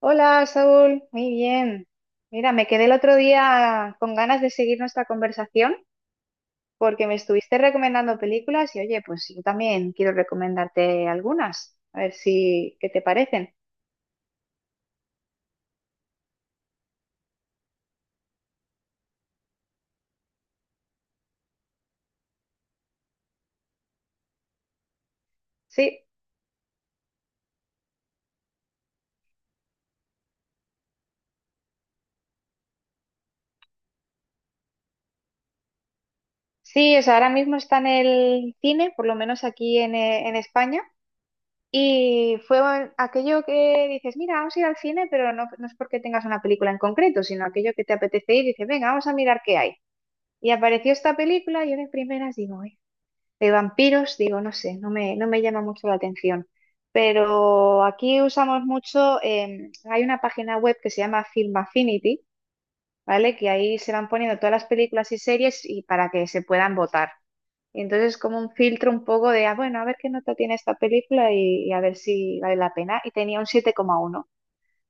Hola, Saúl, muy bien. Mira, me quedé el otro día con ganas de seguir nuestra conversación porque me estuviste recomendando películas y oye, pues yo también quiero recomendarte algunas, a ver si qué te parecen. Sí, sí, o sea, ahora mismo está en el cine, por lo menos aquí en España, y fue aquello que dices, mira, vamos a ir al cine, pero no, no es porque tengas una película en concreto, sino aquello que te apetece ir y dices, venga, vamos a mirar qué hay. Y apareció esta película y yo de primeras digo, de vampiros, digo, no sé, no me llama mucho la atención. Pero aquí usamos mucho, hay una página web que se llama Film Affinity, ¿vale? Que ahí se van poniendo todas las películas y series y para que se puedan votar. Y entonces como un filtro un poco de, bueno, a ver qué nota tiene esta película y a ver si vale la pena. Y tenía un 7,1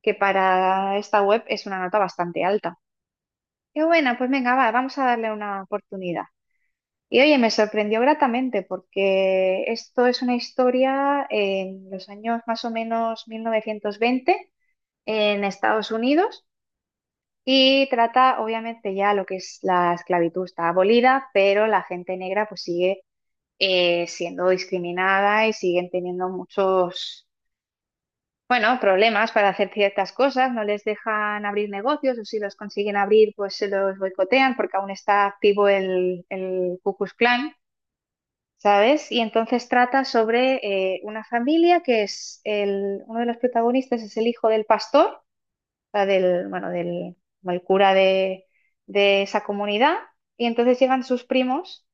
que para esta web es una nota bastante alta. Qué buena, pues venga, va, vamos a darle una oportunidad. Y oye, me sorprendió gratamente porque esto es una historia en los años más o menos 1920 en Estados Unidos y trata obviamente ya lo que es la esclavitud está abolida, pero la gente negra pues sigue siendo discriminada y siguen teniendo muchos, bueno, problemas para hacer ciertas cosas, no les dejan abrir negocios o si los consiguen abrir pues se los boicotean porque aún está activo el Ku Klux Klan. ¿Sabes? Y entonces trata sobre una familia que es uno de los protagonistas es el hijo del pastor, o sea, bueno, del como el cura de esa comunidad, y entonces llegan sus primos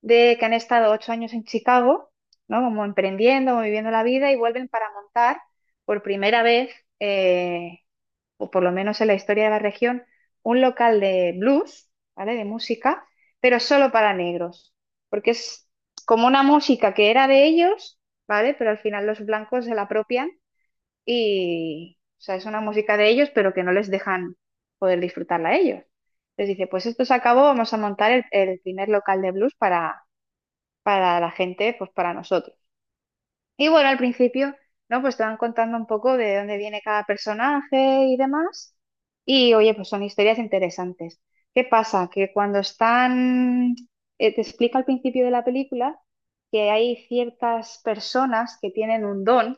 de que han estado 8 años en Chicago, ¿no? Como emprendiendo, como viviendo la vida, y vuelven para montar por primera vez. eh, o por lo menos en la historia de la región, un local de blues, ¿vale? De música, pero solo para negros, porque es como una música que era de ellos, ¿vale? Pero al final los blancos se la apropian y, o sea, es una música de ellos, pero que no les dejan poder disfrutarla a ellos. Entonces dice, pues esto se acabó, vamos a montar el primer local de blues para la gente, pues para nosotros. Y bueno, al principio, ¿no? Pues te van contando un poco de dónde viene cada personaje y demás. Y oye, pues son historias interesantes. ¿Qué pasa? Que cuando están, te explica al principio de la película que hay ciertas personas que tienen un don,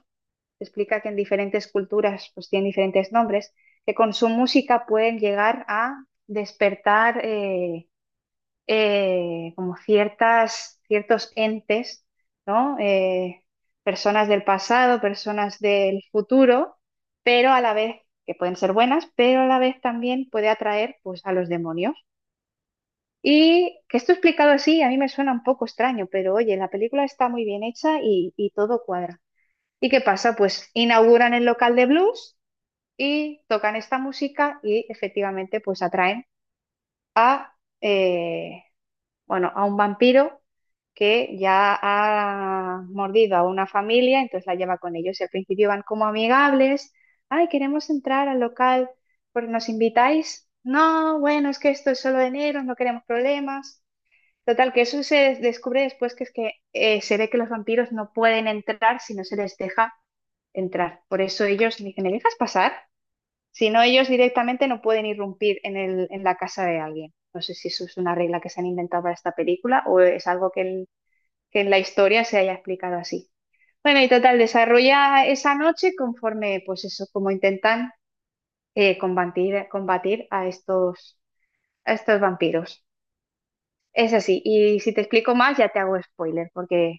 te explica que en diferentes culturas pues tienen diferentes nombres, que con su música pueden llegar a despertar como ciertos entes, ¿no? Personas del pasado, personas del futuro, pero a la vez, que pueden ser buenas, pero a la vez también puede atraer pues, a los demonios. Y que esto explicado así, a mí me suena un poco extraño, pero oye, la película está muy bien hecha y todo cuadra. ¿Y qué pasa? Pues inauguran el local de blues y tocan esta música y efectivamente pues atraen a eh, bueno, a un vampiro que ya ha mordido a una familia, entonces la lleva con ellos. Y al principio van como amigables, ay, queremos entrar al local, porque nos invitáis. No, bueno, es que esto es solo de negros, no queremos problemas. Total, que eso se descubre después que es que se ve que los vampiros no pueden entrar si no se les deja entrar. Por eso ellos dicen, ¿me dejas pasar? Si no, ellos directamente no pueden irrumpir en el, en la casa de alguien. No sé si eso es una regla que se han inventado para esta película o es algo que en la historia se haya explicado así. Bueno, y total, desarrolla esa noche conforme, pues eso, como intentan combatir a estos vampiros. Es así, y si te explico más ya te hago spoiler, porque...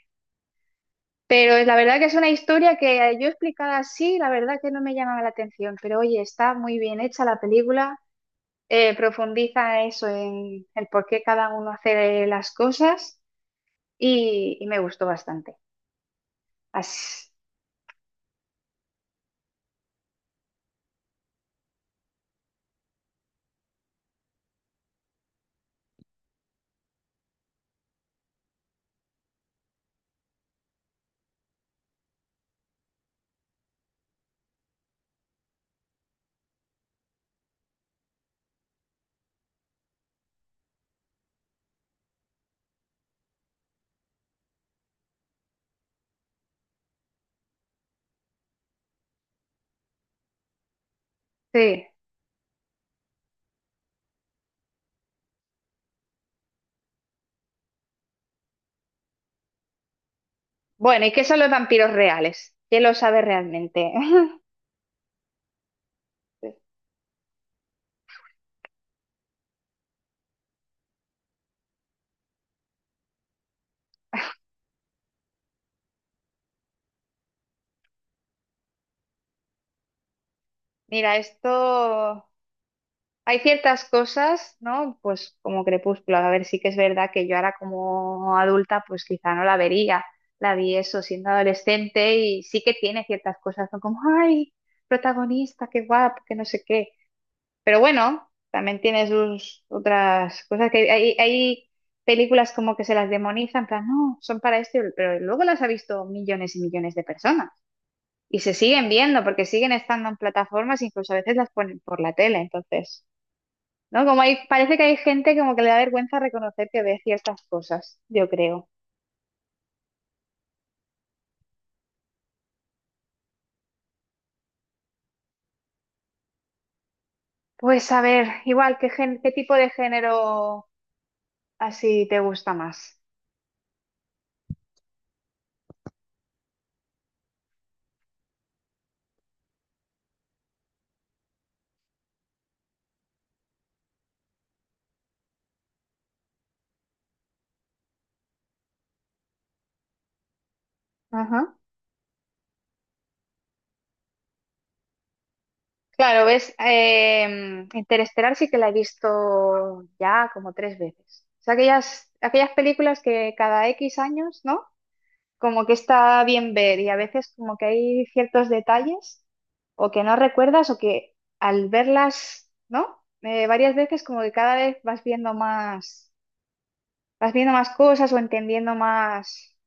Pero la verdad que es una historia que yo explicada así, la verdad que no me llamaba la atención, pero oye, está muy bien hecha la película profundiza eso en el por qué cada uno hace las cosas y me gustó bastante. Así, sí. Bueno, ¿y qué son los vampiros reales? ¿Quién lo sabe realmente? Sí. Mira, esto... Hay ciertas cosas, ¿no? Pues como Crepúsculo, a ver, sí que es verdad que yo ahora como adulta, pues quizá no la vería. La vi eso siendo adolescente y sí que tiene ciertas cosas, ¿no? Como, ay, protagonista, qué guapo, que no sé qué. Pero bueno, también tiene sus otras cosas que hay películas como que se las demonizan, en plan, no, son para esto, pero luego las ha visto millones y millones de personas y se siguen viendo porque siguen estando en plataformas, incluso a veces las ponen por la tele, entonces, ¿no? Como hay, parece que hay gente como que le da vergüenza reconocer que ve ciertas cosas, yo creo. Pues a ver, igual, ¿qué qué tipo de género así te gusta más? Ajá. Claro, ves, Interestelar sí que la he visto ya como 3 veces. O sea, aquellas, aquellas películas que cada X años, ¿no? Como que está bien ver y a veces como que hay ciertos detalles o que no recuerdas o que al verlas, ¿no? Varias veces como que cada vez vas viendo más cosas o entendiendo más.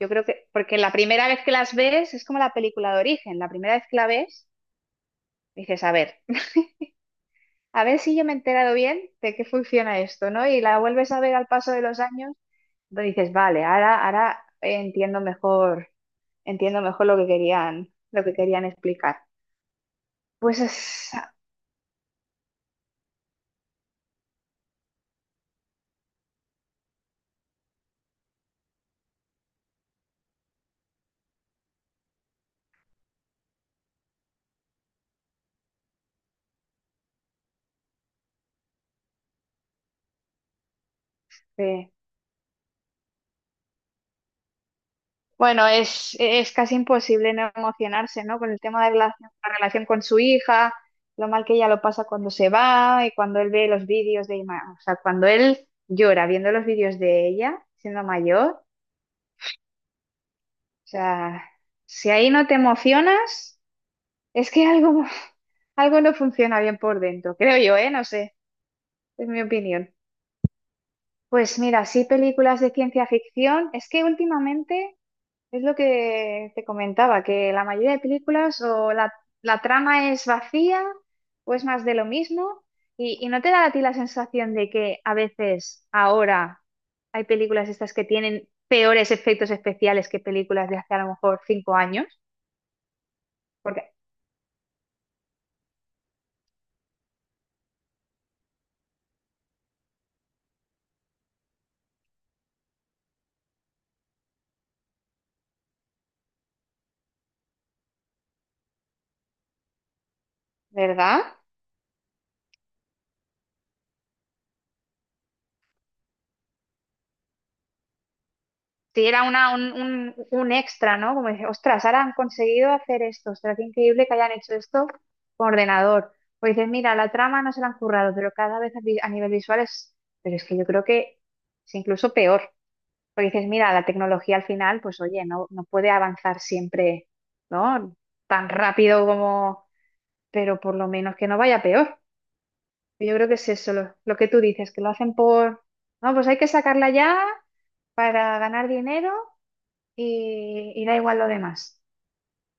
Yo creo que, porque la primera vez que las ves es como la película de origen, la primera vez que la ves dices, a ver. A ver si yo me he enterado bien de qué funciona esto, ¿no? Y la vuelves a ver al paso de los años, pues dices, vale, ahora, ahora entiendo mejor lo que querían explicar. Pues eh, bueno, es casi imposible no emocionarse, ¿no? Con el tema de la relación con su hija, lo mal que ella lo pasa cuando se va y cuando él ve los vídeos o sea, cuando él llora viendo los vídeos de ella siendo mayor, o sea, si ahí no te emocionas. Es que algo, algo no funciona bien por dentro, creo yo, ¿eh? No sé, es mi opinión. Pues mira, sí, películas de ciencia ficción. Es que últimamente es lo que te comentaba, que la mayoría de películas o la trama es vacía o es más de lo mismo. Y no te da a ti la sensación de que a veces ahora hay películas estas que tienen peores efectos especiales que películas de hace a lo mejor 5 años, porque, ¿verdad? Sí, era un extra, ¿no? Como dice, ostras, ahora han conseguido hacer esto, ostras, qué increíble que hayan hecho esto con ordenador. O dices, mira, la trama no se la han currado, pero cada vez a nivel visual es, pero es que yo creo que es incluso peor. Porque dices, mira, la tecnología al final, pues oye, no puede avanzar siempre, ¿no? Tan rápido como, pero por lo menos que no vaya peor. Yo creo que es eso, lo que tú dices, que lo hacen por, no, pues hay que sacarla ya para ganar dinero y da igual lo demás.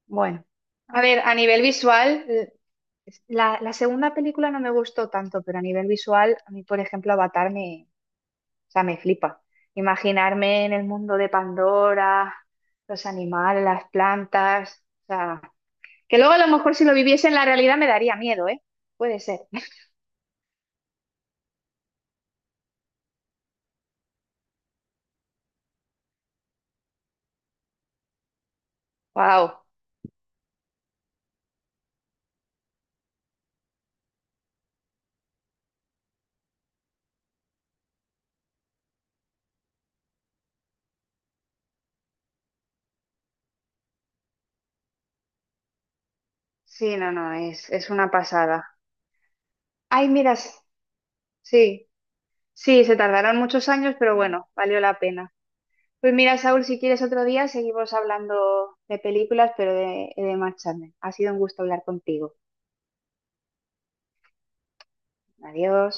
Bueno, a ver, a nivel visual, la segunda película no me gustó tanto, pero a nivel visual, a mí, por ejemplo, Avatar o sea, me flipa. Imaginarme en el mundo de Pandora, los animales, las plantas, o sea, que luego a lo mejor si lo viviese en la realidad me daría miedo, ¿eh? Puede ser. Wow. Sí, no, no, es una pasada. Ay, miras, sí, sí, se tardaron muchos años, pero bueno, valió la pena. Pues mira, Saúl, si quieres otro día seguimos hablando de películas, pero de Mark Chapman. Ha sido un gusto hablar contigo. Adiós.